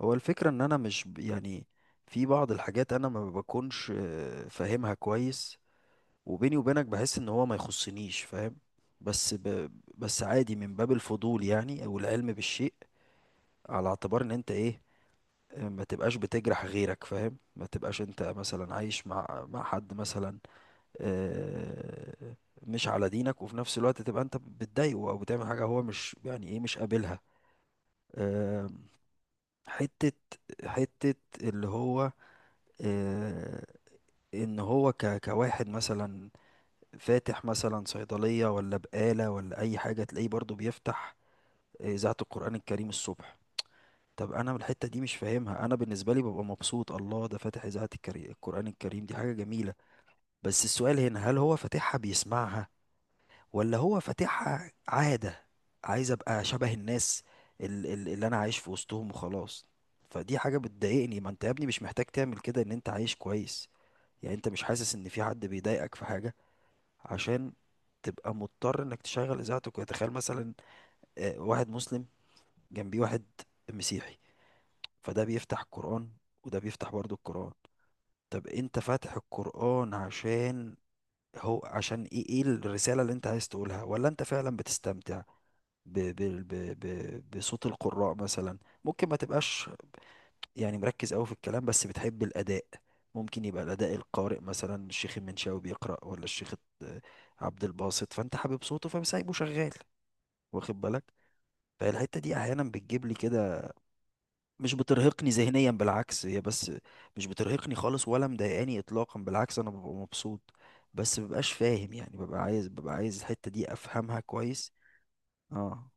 هو الفكرة ان انا مش في بعض الحاجات انا ما بكونش فاهمها كويس. وبيني وبينك بحس ان هو ما يخصنيش، فاهم؟ بس بس عادي من باب الفضول يعني، او العلم بالشيء، على اعتبار ان انت ايه. آه، ما تبقاش بتجرح غيرك، فاهم؟ ما تبقاش انت مثلا عايش مع حد مثلا آه، مش على دينك، وفي نفس الوقت تبقى انت بتضايقه او بتعمل حاجة هو مش يعني ايه مش قابلها. آه، حتة حتة اللي هو آه، ان هو كواحد مثلا فاتح مثلا صيدلية ولا بقالة ولا اي حاجة، تلاقيه برضو بيفتح آه، اذاعة القرآن الكريم الصبح. طب انا من الحتة دي مش فاهمها. انا بالنسبة لي ببقى مبسوط، الله، ده فاتح اذاعة القرآن الكريم، دي حاجة جميلة. بس السؤال هنا، هل هو فاتحها بيسمعها ولا هو فاتحها عادة؟ عايز ابقى شبه الناس اللي انا عايش في وسطهم وخلاص. فدي حاجة بتضايقني. ما انت يا ابني مش محتاج تعمل كده، ان انت عايش كويس يعني، انت مش حاسس ان في حد بيضايقك في حاجة عشان تبقى مضطر انك تشغل اذاعتك. وتخيل مثلا آه، واحد مسلم جنبيه واحد مسيحي، فده بيفتح القرآن وده بيفتح برضو القرآن. طب انت فاتح القرآن عشان هو، عشان ايه؟ ايه الرسالة اللي انت عايز تقولها؟ ولا انت فعلا بتستمتع ب ب ب ب بصوت القراء مثلا؟ ممكن ما تبقاش يعني مركز قوي في الكلام بس بتحب الأداء. ممكن يبقى الأداء، القارئ مثلا الشيخ المنشاوي بيقرأ ولا الشيخ عبد الباسط، فأنت حابب صوته فسايبه شغال، واخد بالك؟ فالحتة دي أحيانا بتجيب لي كده. مش بترهقني ذهنيا، بالعكس، هي بس مش بترهقني خالص ولا مضايقاني إطلاقا، بالعكس أنا ببقى مبسوط. بس مببقاش فاهم يعني، ببقى عايز الحتة دي أفهمها كويس. اه.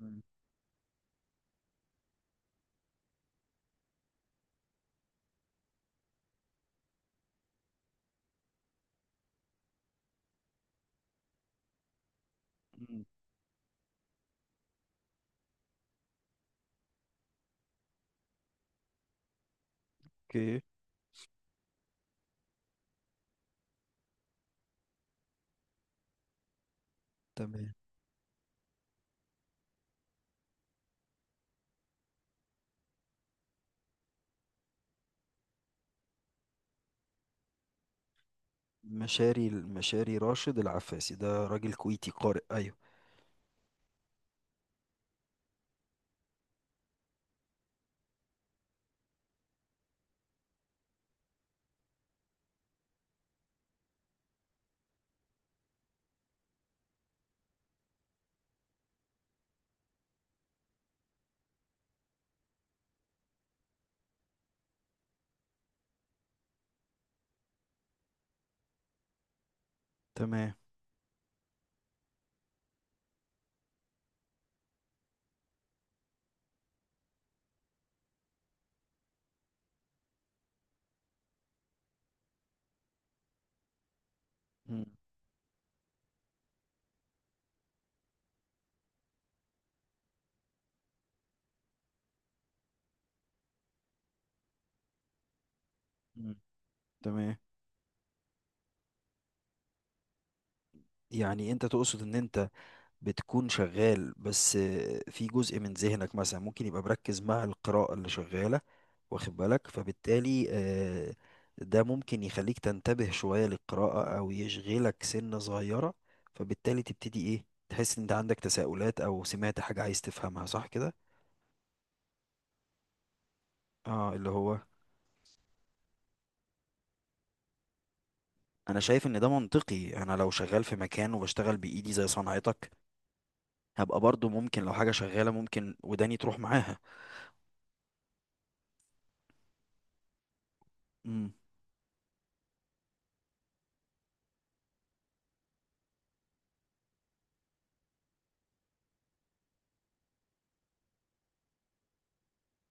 مم. مم. اوكي. تمام. مشاري، راشد العفاسي، ده راجل كويتي قارئ، أيوه. تمام. مم. مم. تمام. يعني انت تقصد ان انت بتكون شغال بس في جزء من ذهنك مثلا ممكن يبقى مركز مع القراءة اللي شغالة، واخد بالك؟ فبالتالي آه، ده ممكن يخليك تنتبه شوية للقراءة او يشغلك سنة صغيرة، فبالتالي تبتدي ايه، تحس ان انت عندك تساؤلات او سمعت حاجة عايز تفهمها، صح كده. اه، اللي هو انا شايف ان ده منطقي. انا لو شغال في مكان وبشتغل بايدي زي صنعتك، هبقى برضو ممكن لو حاجة شغالة، ممكن وداني تروح معاها. امم.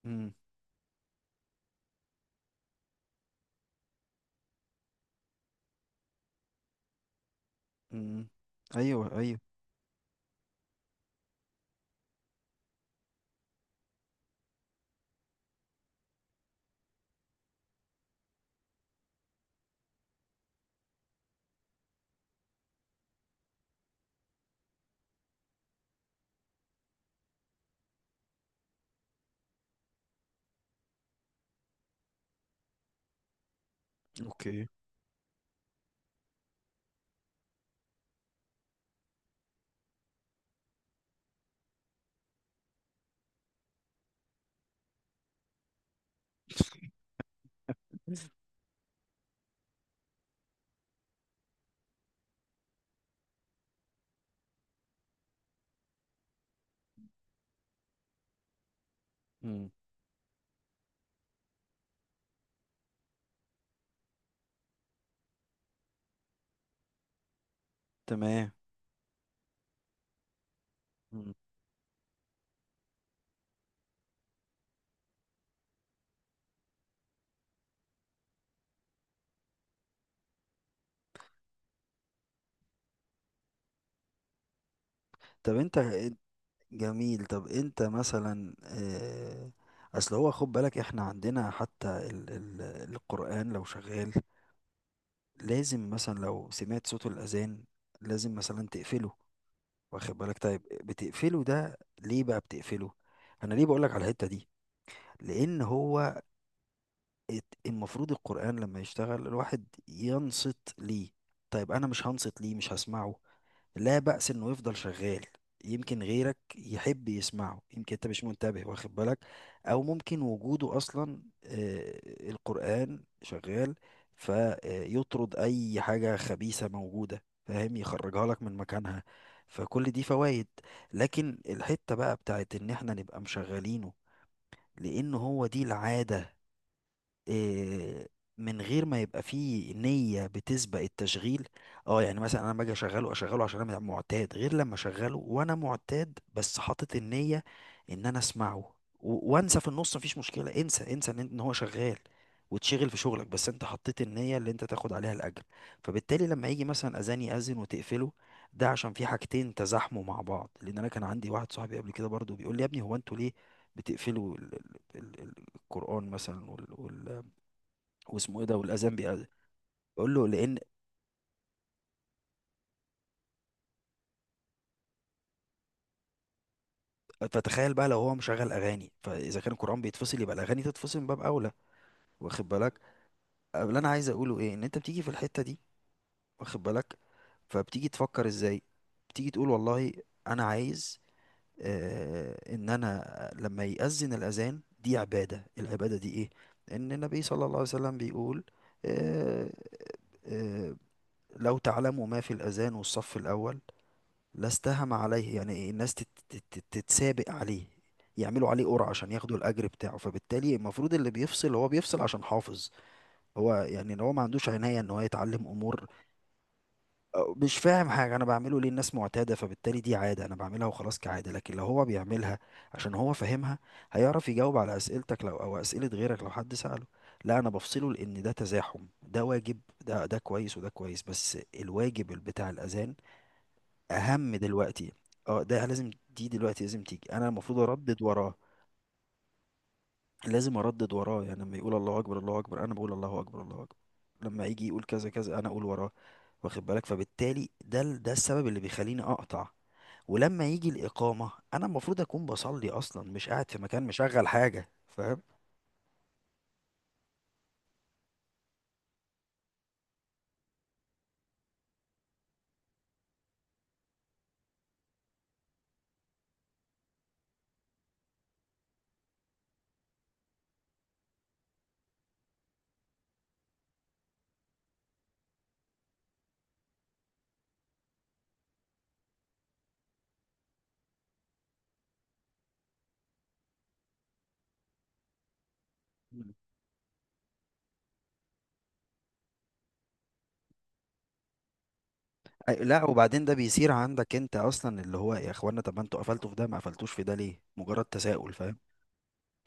امم. امم. ايوه، ايوه. اوكي. امم. تمام. امم. طب انت، جميل، طب انت مثلا آه، اصل هو خد بالك، احنا عندنا حتى ال القرآن لو شغال لازم مثلا لو سمعت صوت الأذان لازم مثلا تقفله، واخد بالك؟ طيب بتقفله ده ليه بقى، بتقفله؟ انا ليه بقولك على الحتة دي؟ لان هو المفروض القرآن لما يشتغل الواحد ينصت ليه. طيب أنا مش هنصت ليه، مش هسمعه، لا بأس إنه يفضل شغال، يمكن غيرك يحب يسمعه، يمكن أنت مش منتبه، واخد بالك؟ أو ممكن وجوده أصلا آه، القرآن شغال فيطرد أي حاجة خبيثة موجودة، فاهم؟ يخرجها لك من مكانها. فكل دي فوائد. لكن الحتة بقى بتاعت إن إحنا نبقى مشغلينه لأن هو دي العادة، آه، من غير ما يبقى فيه نية بتسبق التشغيل. اه يعني مثلا انا باجي اشغله، اشغله عشان انا معتاد، غير لما اشغله وانا معتاد بس حاطط النية ان انا اسمعه. وانسى في النص، مفيش مشكلة، انسى، انسى ان إن هو شغال وتشغل في شغلك، بس انت حطيت النية اللي انت تاخد عليها الاجر. فبالتالي لما يجي مثلا اذان يأذن وتقفله، ده عشان في حاجتين تزاحموا مع بعض. لان انا كان عندي واحد صاحبي قبل كده برضو بيقول لي يا ابني هو انتوا ليه بتقفلوا القرآن مثلا واسمه ايه ده، والاذان بقول له لان، فتخيل بقى لو هو مشغل اغاني، فاذا كان القران بيتفصل يبقى الاغاني تتفصل من باب اولى، واخد بالك؟ اللي انا عايز اقوله ايه، ان انت بتيجي في الحته دي، واخد بالك؟ فبتيجي تفكر ازاي، بتيجي تقول والله انا عايز آه ان انا لما يأذن الاذان، دي عباده، العباده دي ايه؟ ان النبي صلى الله عليه وسلم بيقول آه آه لو تعلموا ما في الاذان والصف الاول لا استهم عليه، يعني الناس تتسابق عليه، يعملوا عليه قرعة عشان ياخدوا الأجر بتاعه. فبالتالي المفروض اللي بيفصل هو بيفصل عشان حافظ هو، يعني لو هو ما عندوش عناية ان هو يتعلم أمور، أو مش فاهم حاجة أنا بعمله ليه، الناس معتادة، فبالتالي دي عادة أنا بعملها وخلاص كعادة. لكن لو هو بيعملها عشان هو فاهمها، هيعرف يجاوب على أسئلتك لو، أو أسئلة غيرك لو حد سأله. لا، أنا بفصله لأن ده تزاحم، ده واجب ده ده كويس وده كويس، بس الواجب بتاع الأذان اهم دلوقتي. اه، ده لازم، دي دلوقتي لازم تيجي، انا المفروض اردد وراه. لازم اردد وراه، يعني لما يقول الله اكبر الله اكبر انا بقول الله اكبر الله اكبر، لما يجي يقول كذا كذا انا اقول وراه، واخد بالك؟ فبالتالي ده ده السبب اللي بيخليني اقطع. ولما يجي الاقامه انا المفروض اكون بصلي اصلا، مش قاعد في مكان مشغل حاجه، فاهم؟ مم. لا، وبعدين ده بيصير عندك انت اصلا، اللي هو يا اخوانا طب ما انتوا قفلتوا في ده، ما قفلتوش في ده ليه؟ مجرد تساؤل، فاهم؟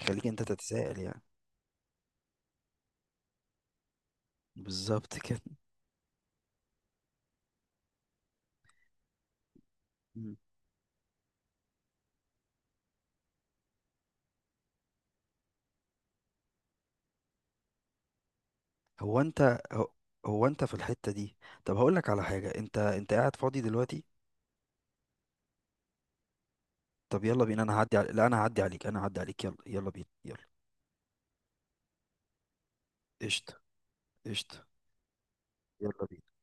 خليك انت تتساءل يعني. بالظبط كده. هو انت هو, هو انت في الحتة دي، طب هقول لك على حاجة، انت قاعد فاضي دلوقتي؟ طب يلا بينا، لا انا هعدي عليك، انا هعدي عليك، يلا يلا بينا، يلا. قشطة، قشطة. يلا بينا.